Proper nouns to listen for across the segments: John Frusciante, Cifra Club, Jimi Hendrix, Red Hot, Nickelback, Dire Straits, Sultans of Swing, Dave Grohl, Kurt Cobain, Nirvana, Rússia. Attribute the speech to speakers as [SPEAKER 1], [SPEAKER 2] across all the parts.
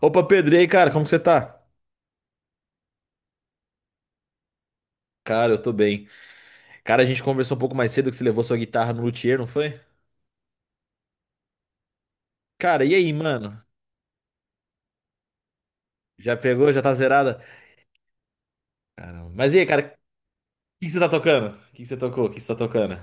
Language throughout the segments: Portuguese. [SPEAKER 1] Opa, Pedro, e aí, cara, como que você tá? Cara, eu tô bem. Cara, a gente conversou um pouco mais cedo que você levou sua guitarra no luthier, não foi? Cara, e aí, mano? Já pegou? Já tá zerada? Caramba. Mas e aí, cara, o que que você tá tocando? O que que você tocou? O que que você tá tocando?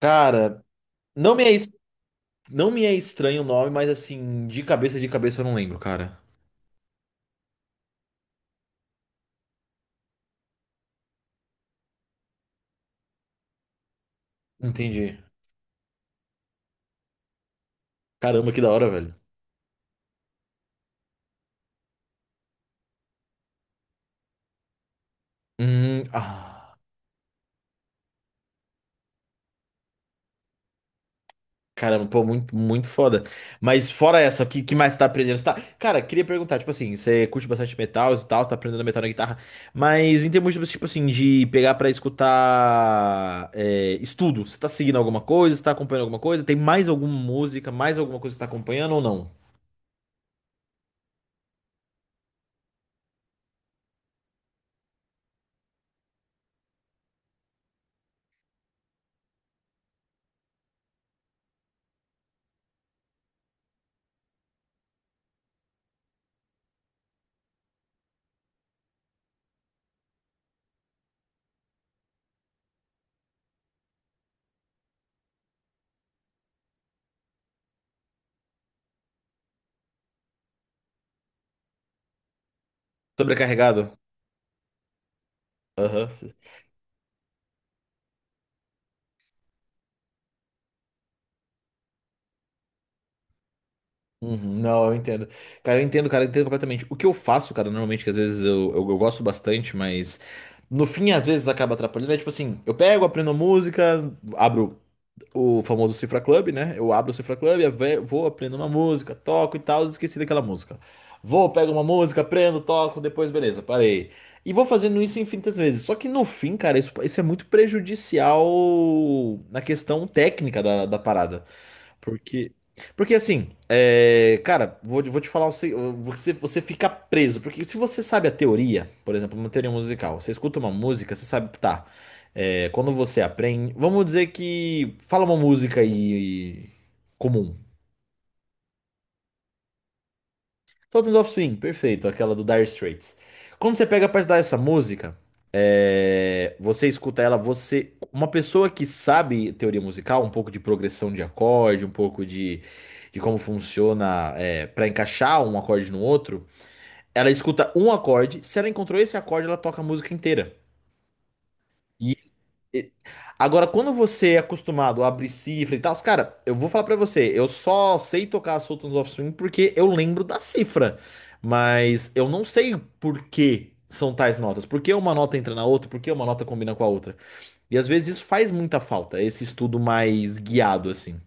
[SPEAKER 1] Cara, não me é, es- não me é estranho o nome, mas assim, de cabeça eu não lembro, cara. Entendi. Caramba, que da hora, velho. Ah. Caramba, pô, muito, muito foda. Mas fora essa, o que, que mais você tá aprendendo? Você tá... Cara, queria perguntar, tipo assim, você curte bastante metal e tal, você tá aprendendo metal na guitarra, mas em termos, de, tipo assim, de pegar pra escutar é, estudo, você tá seguindo alguma coisa, você tá acompanhando alguma coisa? Tem mais alguma música, mais alguma coisa que você tá acompanhando ou não? Sobrecarregado? Aham. Uhum, não, eu entendo. Cara, eu entendo, cara, eu entendo completamente. O que eu faço, cara, normalmente, que às vezes eu gosto bastante, mas no fim, às vezes acaba atrapalhando, é tipo assim, eu pego, aprendo a música, abro o famoso Cifra Club, né? Eu abro o Cifra Club, vou, aprendo uma música, toco e tal, esqueci daquela música. Vou, pego uma música, aprendo, toco, depois beleza, parei. E vou fazendo isso infinitas vezes. Só que no fim, cara, isso é muito prejudicial na questão técnica da, da parada. Porque, porque assim, é, cara, vou te falar, você fica preso. Porque se você sabe a teoria, por exemplo, uma teoria musical, você escuta uma música, você sabe, tá. É, quando você aprende. Vamos dizer que. Fala uma música aí comum. Sultans of Swing, perfeito, aquela do Dire Straits. Quando você pega pra estudar essa música, é, você escuta ela, você. Uma pessoa que sabe teoria musical, um pouco de progressão de acorde, um pouco de como funciona é, para encaixar um acorde no outro, ela escuta um acorde, se ela encontrou esse acorde, ela toca a música inteira. E- Agora, quando você é acostumado a abrir cifra e tal, os cara, eu vou falar pra você, eu só sei tocar Sultans of Swing porque eu lembro da cifra, mas eu não sei por que são tais notas, por que uma nota entra na outra, por que uma nota combina com a outra. E às vezes isso faz muita falta, esse estudo mais guiado assim.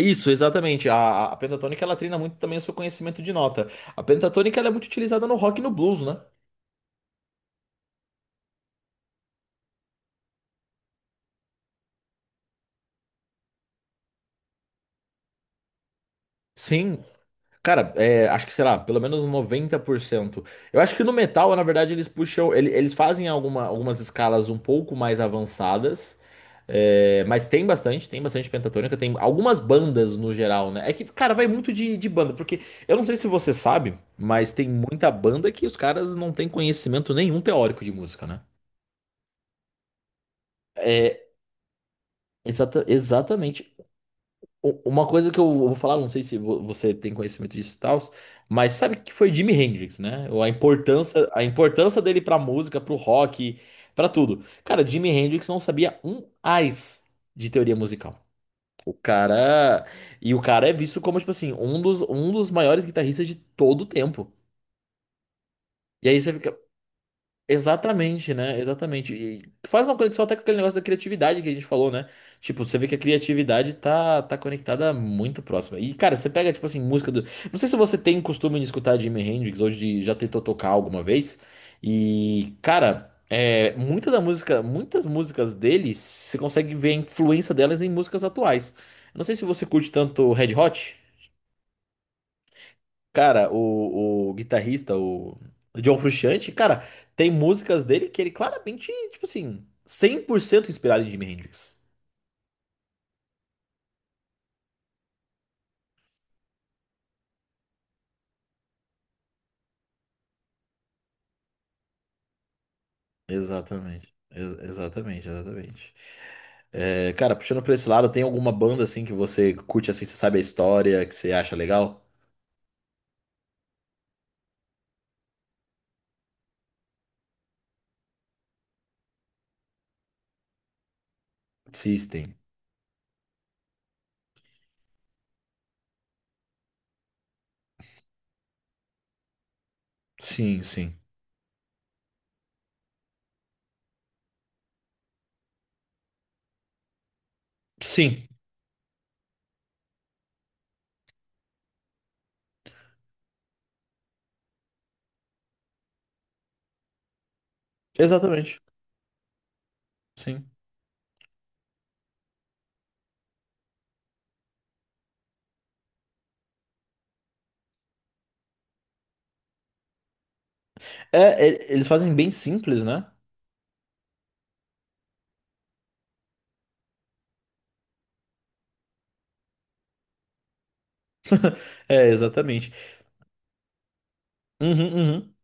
[SPEAKER 1] Isso, exatamente. A pentatônica ela treina muito também o seu conhecimento de nota. A pentatônica ela é muito utilizada no rock e no blues, né? Sim, cara, é, acho que, sei lá, pelo menos 90%. Eu acho que no metal, na verdade, eles fazem algumas escalas um pouco mais avançadas. É, mas tem bastante pentatônica, tem algumas bandas no geral, né? É que, cara, vai muito de banda, porque eu não sei se você sabe, mas tem muita banda que os caras não têm conhecimento nenhum teórico de música, né? É, exatamente. U uma coisa que eu vou falar, não sei se você tem conhecimento disso e tal, mas sabe que foi Jimi Hendrix, né? Ou a importância, a importância dele pra música, pro rock, pra tudo. Cara, Jimi Hendrix não sabia um ais de teoria musical. O cara, e o cara é visto como tipo assim, um dos maiores guitarristas de todo o tempo. E aí você fica, exatamente, né? Exatamente. E faz uma conexão até com aquele negócio da criatividade que a gente falou, né? Tipo, você vê que a criatividade tá conectada muito próxima. E, cara, você pega, tipo assim, música do. Não sei se você tem costume de escutar Jimi Hendrix, hoje de... já tentou tocar alguma vez. E, cara, é... muita da música, muitas músicas dele, você consegue ver a influência delas em músicas atuais. Eu não sei se você curte tanto Red Hot. Cara, o guitarrista, o John Frusciante, cara, tem músicas dele que ele claramente, tipo assim, 100% inspirado em Jimi Hendrix. Exatamente. Exatamente. É, cara, puxando pra esse lado, tem alguma banda assim que você curte assim, você sabe a história, que você acha legal? System. Sim, sim. Sim, exatamente. Sim. É, eles fazem bem simples, né? É, exatamente. Uhum, uhum.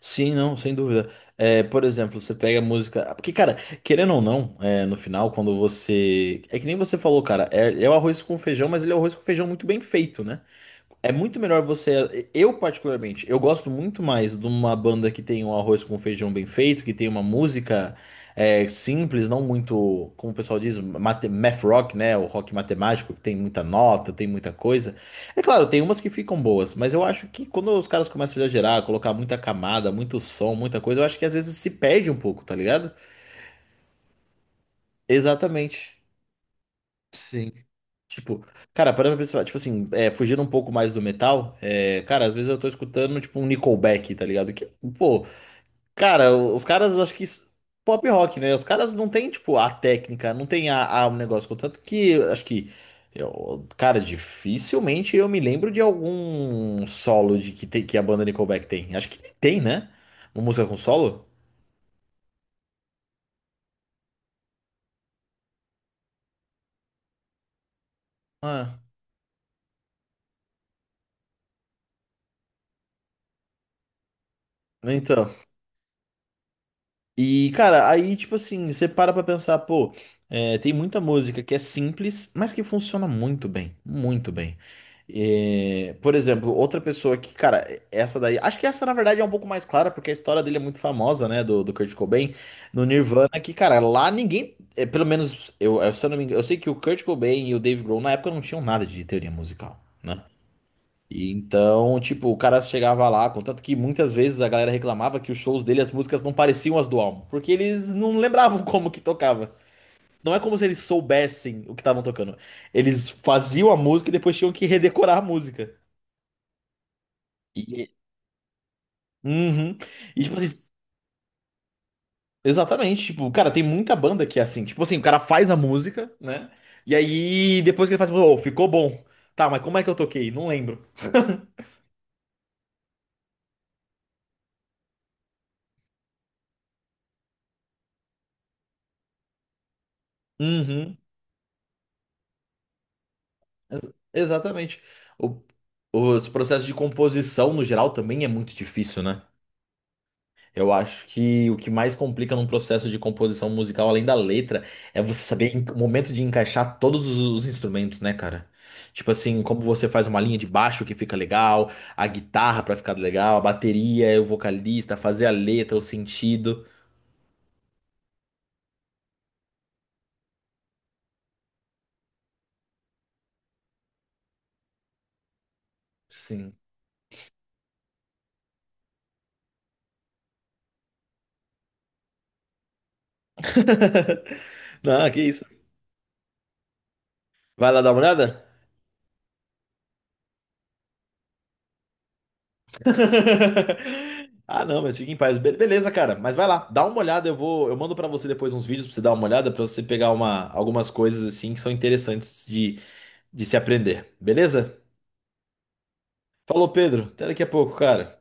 [SPEAKER 1] Sim, não, sem dúvida. É, por exemplo, você pega a música. Porque, cara, querendo ou não, é, no final, quando você. É que nem você falou, cara, é, é o arroz com feijão, mas ele é o arroz com feijão muito bem feito, né? É muito melhor você. Eu, particularmente, eu gosto muito mais de uma banda que tem um arroz com feijão bem feito, que tem uma música é, simples, não muito, como o pessoal diz, math rock, né? O rock matemático, que tem muita nota, tem muita coisa. É claro, tem umas que ficam boas, mas eu acho que quando os caras começam a exagerar, colocar muita camada, muito som, muita coisa, eu acho que às vezes se perde um pouco, tá ligado? Exatamente. Sim. Tipo, cara, parando pra pensar, tipo assim, é, fugindo um pouco mais do metal, é, cara, às vezes eu tô escutando, tipo, um Nickelback, tá ligado? Que, pô, cara, os caras, acho que pop rock, né? Os caras não tem, tipo, a técnica, não tem a um negócio, contanto que, acho que, cara, dificilmente eu me lembro de algum solo de que, tem, que a banda Nickelback tem. Acho que tem, né? Uma música com solo? Ah, então. E, cara, aí, tipo assim, você para pra pensar, pô, é, tem muita música que é simples, mas que funciona muito bem, muito bem. É, por exemplo, outra pessoa que, cara, essa daí, acho que essa na verdade é um pouco mais clara, porque a história dele é muito famosa, né, do, do Kurt Cobain, no Nirvana, que, cara, lá ninguém, é, pelo menos, eu, se eu não me engano, eu sei que o Kurt Cobain e o Dave Grohl na época não tinham nada de teoria musical, né? E então, tipo, o cara chegava lá, contanto que muitas vezes a galera reclamava que os shows dele, as músicas não pareciam as do álbum, porque eles não lembravam como que tocava. Não é como se eles soubessem o que estavam tocando. Eles faziam a música e depois tinham que redecorar a música. E, uhum. E tipo assim, exatamente, tipo, cara, tem muita banda que é assim, tipo assim, o cara faz a música, né? E aí depois que ele faz, a música, "Oh, ficou bom. Tá, mas como é que eu toquei? Não lembro. Uhum. Exatamente. O- os processos de composição, no geral, também é muito difícil, né? Eu acho que o que mais complica num processo de composição musical, além da letra, é você saber o momento de encaixar todos os instrumentos, né, cara? Tipo assim, como você faz uma linha de baixo que fica legal, a guitarra pra ficar legal, a bateria, o vocalista, fazer a letra, o sentido. Sim. Não, que isso. Vai lá dar uma olhada? Ah, não, mas fique em paz. Beleza, cara. Mas vai lá, dá uma olhada. Eu vou, eu mando pra você depois uns vídeos pra você dar uma olhada, pra você pegar uma, algumas coisas assim que são interessantes de se aprender. Beleza? Falou, Pedro. Até daqui a pouco, cara.